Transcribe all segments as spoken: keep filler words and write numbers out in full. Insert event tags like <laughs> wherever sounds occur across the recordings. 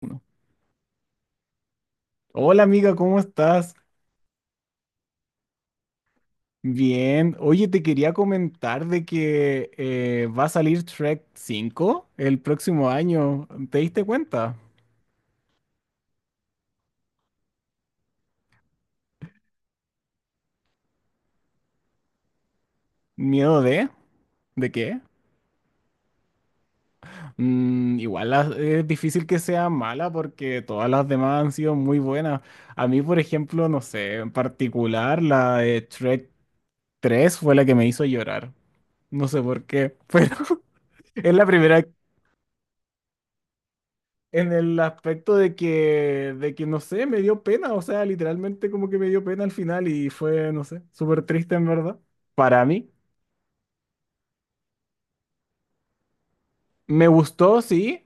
Uno. Hola amiga, ¿cómo estás? Bien. Oye, te quería comentar de que eh, va a salir Trek cinco el próximo año. ¿Te diste cuenta? ¿Miedo de? ¿De qué? Mm, igual la- es difícil que sea mala porque todas las demás han sido muy buenas. A mí, por ejemplo, no sé, en particular la de Trek tres fue la que me hizo llorar. No sé por qué, pero <laughs> es la primera. En el aspecto de que, de que, no sé, me dio pena, o sea, literalmente como que me dio pena al final y fue, no sé, súper triste en verdad. Para mí. Me gustó, sí,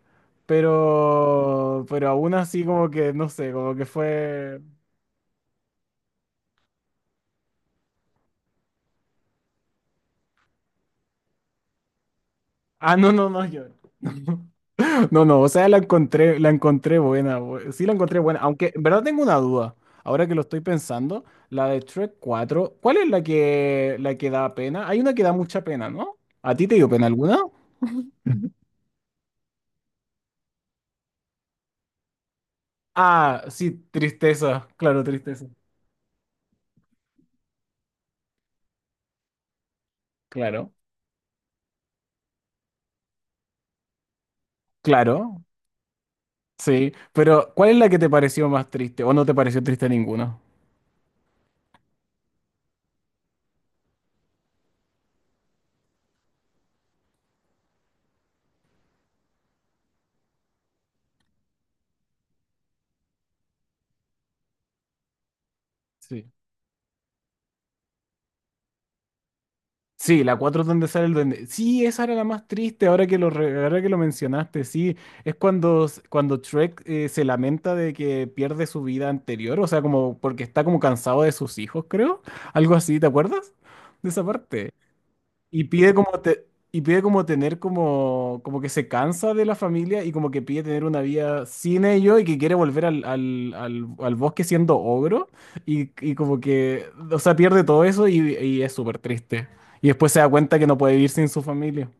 pero, pero aún así como que, no sé, como que fue. Ah, no, no, no, yo. No, no, o sea, la encontré, la encontré buena, bu- sí la encontré buena, aunque en verdad tengo una duda, ahora que lo estoy pensando, la de Shrek cuatro, ¿cuál es la que, la que da pena? Hay una que da mucha pena, ¿no? ¿A ti te dio pena alguna? Ah, sí, tristeza, claro, tristeza. Claro. Claro, sí, pero ¿cuál es la que te pareció más triste o no te pareció triste ninguna? Sí. Sí, la cuatro donde sale el duende. Sí, esa era la más triste ahora que lo, re- ahora que lo mencionaste, sí. Es cuando, s- cuando Shrek eh, se lamenta de que pierde su vida anterior, o sea, como porque está como cansado de sus hijos, creo. Algo así, ¿te acuerdas? De esa parte. Y pide como te, y pide como tener como, como que se cansa de la familia y como que pide tener una vida sin ellos y que quiere volver al, al, al, al bosque siendo ogro y, y como que, o sea, pierde todo eso y, y es súper triste. Y después se da cuenta que no puede vivir sin su familia.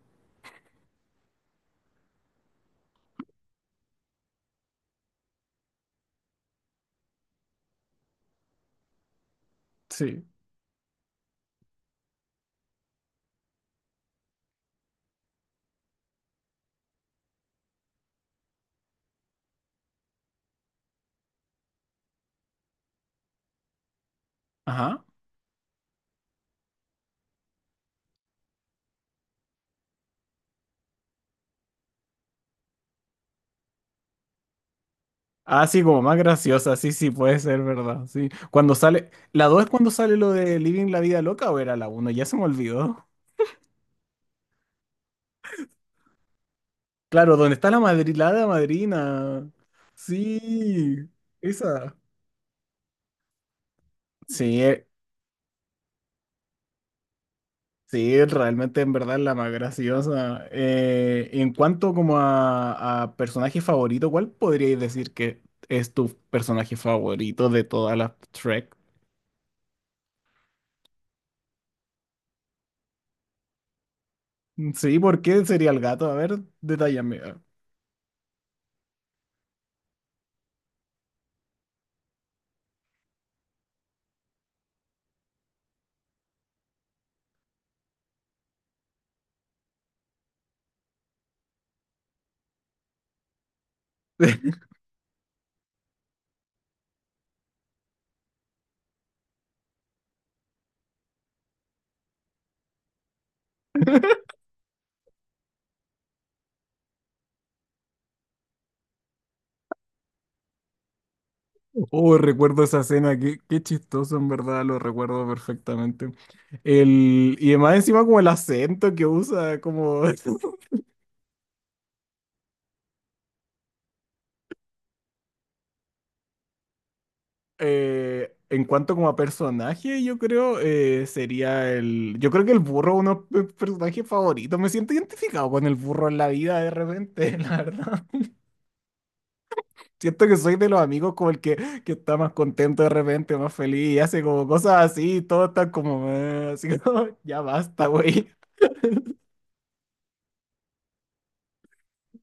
Sí. Ajá. Ah, sí, como más graciosa, sí, sí, puede ser, ¿verdad? Sí. Cuando sale, ¿la dos es cuando sale lo de Living la Vida Loca o era la uno? Ya se me olvidó. Claro, ¿dónde está la madrilada madrina? Sí, esa. Sí, eh, sí, realmente en verdad la más graciosa. Eh, en cuanto como a, a personaje favorito, ¿cuál podríais decir que es tu personaje favorito de todas las Trek? Sí, ¿por qué sería el gato? A ver, detállame. <laughs> Oh, recuerdo esa escena, qué, qué chistoso, en verdad, lo recuerdo perfectamente. El, y además encima como el acento que usa, como... <laughs> Eh, en cuanto como a personaje, yo creo eh, sería el. Yo creo que el burro es uno de mis personajes favoritos. Me siento identificado con el burro en la vida de repente, <laughs> la verdad. Siento que soy de los amigos como el que, que está más contento de repente, más feliz, y hace como cosas así, y todo está como... eh, así como, <laughs> ya basta, güey.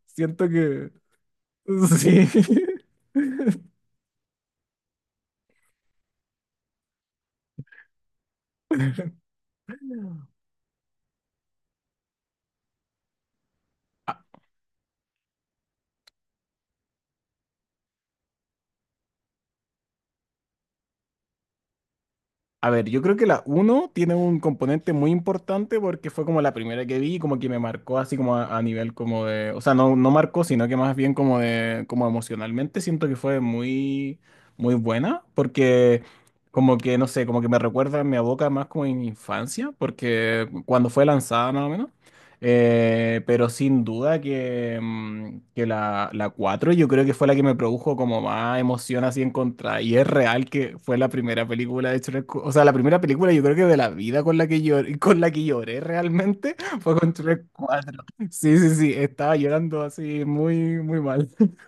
Siento que... <laughs> Sí. <laughs> A ver, yo creo que la uno tiene un componente muy importante porque fue como la primera que vi y como que me marcó así como a, a nivel como de, o sea, no, no marcó, sino que más bien como de, como emocionalmente siento que fue muy, muy buena porque como que, no sé, como que me recuerda, me aboca más como en mi infancia porque cuando fue lanzada más o menos. Eh, pero sin duda que, mm, que la, la cuatro yo creo que fue la que me produjo como más emoción así en contra. Y es real que fue la primera película de Shrek. cu- O sea, la primera película yo creo que de la vida con la que lloré, <laughs> con la que lloré realmente <laughs> fue con Shrek cuatro. Sí, sí, sí, estaba llorando así muy, muy mal. <laughs>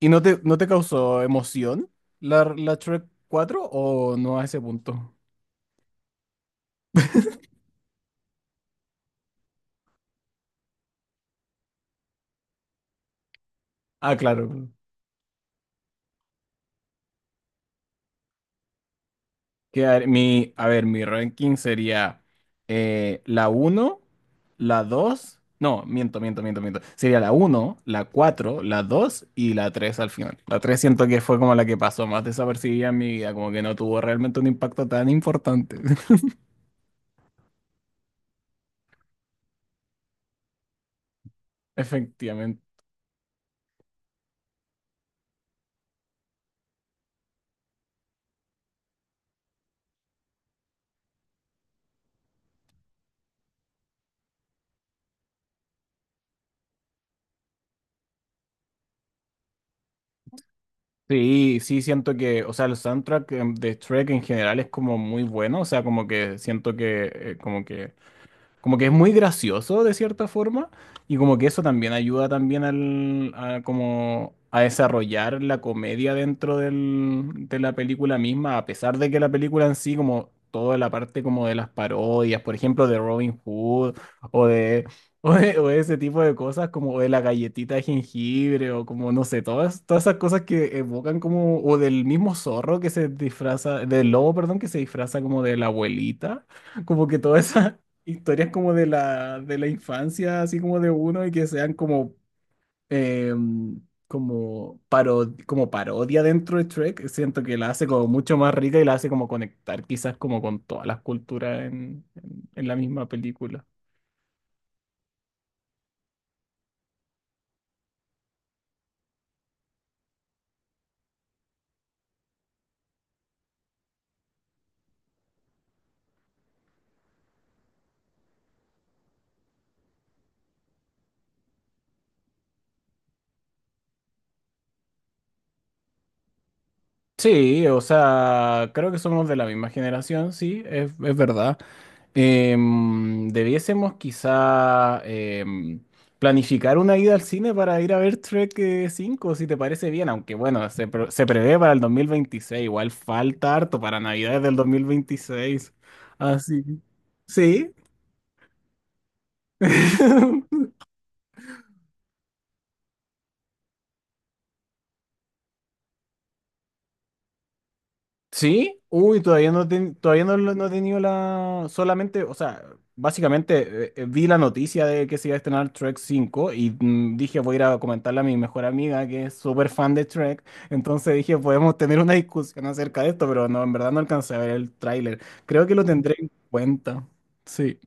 ¿Y no te, no te causó emoción la, la Shrek cuatro o no a ese punto? Ah, claro. Que mi, a ver, mi ranking sería eh, la uno, la dos. No, miento, miento, miento, miento. Sería la uno, la cuatro, la dos y la tres al final. La tres siento que fue como la que pasó más desapercibida en mi vida, como que no tuvo realmente un impacto tan importante. <laughs> Efectivamente. Sí, sí, siento que, o sea, el soundtrack em, de Shrek en general es como muy bueno, o sea, como que siento que, eh, como que como que es muy gracioso de cierta forma y como que eso también ayuda también al, a, como a desarrollar la comedia dentro del, de la película misma, a pesar de que la película en sí, como toda la parte como de las parodias, por ejemplo, de Robin Hood o de, <laughs> o de, o de ese tipo de cosas, como de la galletita de jengibre o como, no sé, todas, todas esas cosas que evocan como, o del mismo zorro que se disfraza, del lobo, perdón, que se disfraza como de la abuelita. Como que todas esas historias como de la, de la infancia, así como de uno, y que sean como, eh, como, paro- como parodia dentro de Trek, siento que la hace como mucho más rica y la hace como conectar quizás como con todas las culturas en, en en la misma película. Sí, o sea, creo que somos de la misma generación, sí, es, es verdad. Em, debiésemos quizá em, planificar una ida al cine para ir a ver Trek eh, cinco, si te parece bien, aunque bueno, se, pre- se prevé para el dos mil veintiséis, igual falta harto para Navidades del dos mil veintiséis. Así. Sí. <laughs> Sí, uy, todavía no, ten- todavía no, lo- no he tenido la... Solamente, o sea, básicamente eh, eh, vi la noticia de que se iba a estrenar Trek cinco y mm, dije voy a ir a comentarle a mi mejor amiga que es súper fan de Trek. Entonces dije podemos tener una discusión acerca de esto, pero no, en verdad no alcancé a ver el tráiler. Creo que lo tendré en cuenta. Sí.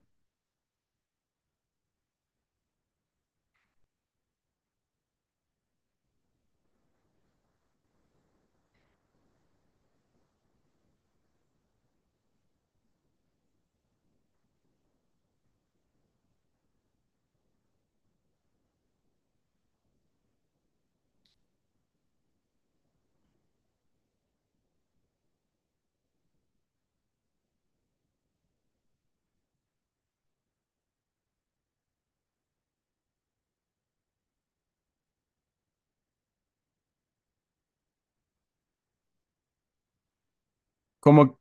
Como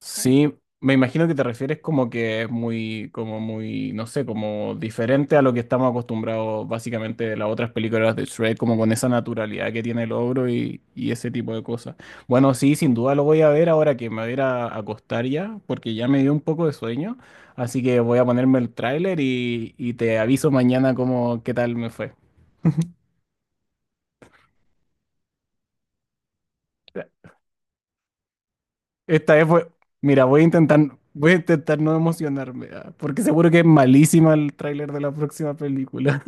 sí, me imagino que te refieres como que es muy, como muy, no sé, como diferente a lo que estamos acostumbrados básicamente de las otras películas de Shrek, como con esa naturalidad que tiene el ogro y, y ese tipo de cosas. Bueno, sí, sin duda lo voy a ver ahora que me voy a ir a acostar ya, porque ya me dio un poco de sueño, así que voy a ponerme el tráiler y, y te aviso mañana cómo, qué tal me fue. Esta vez fue, mira, voy a intentar, voy a intentar no emocionarme, ah, porque seguro que es malísima el tráiler de la próxima película.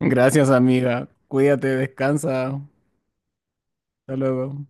Gracias, amiga. Cuídate, descansa. Hasta luego.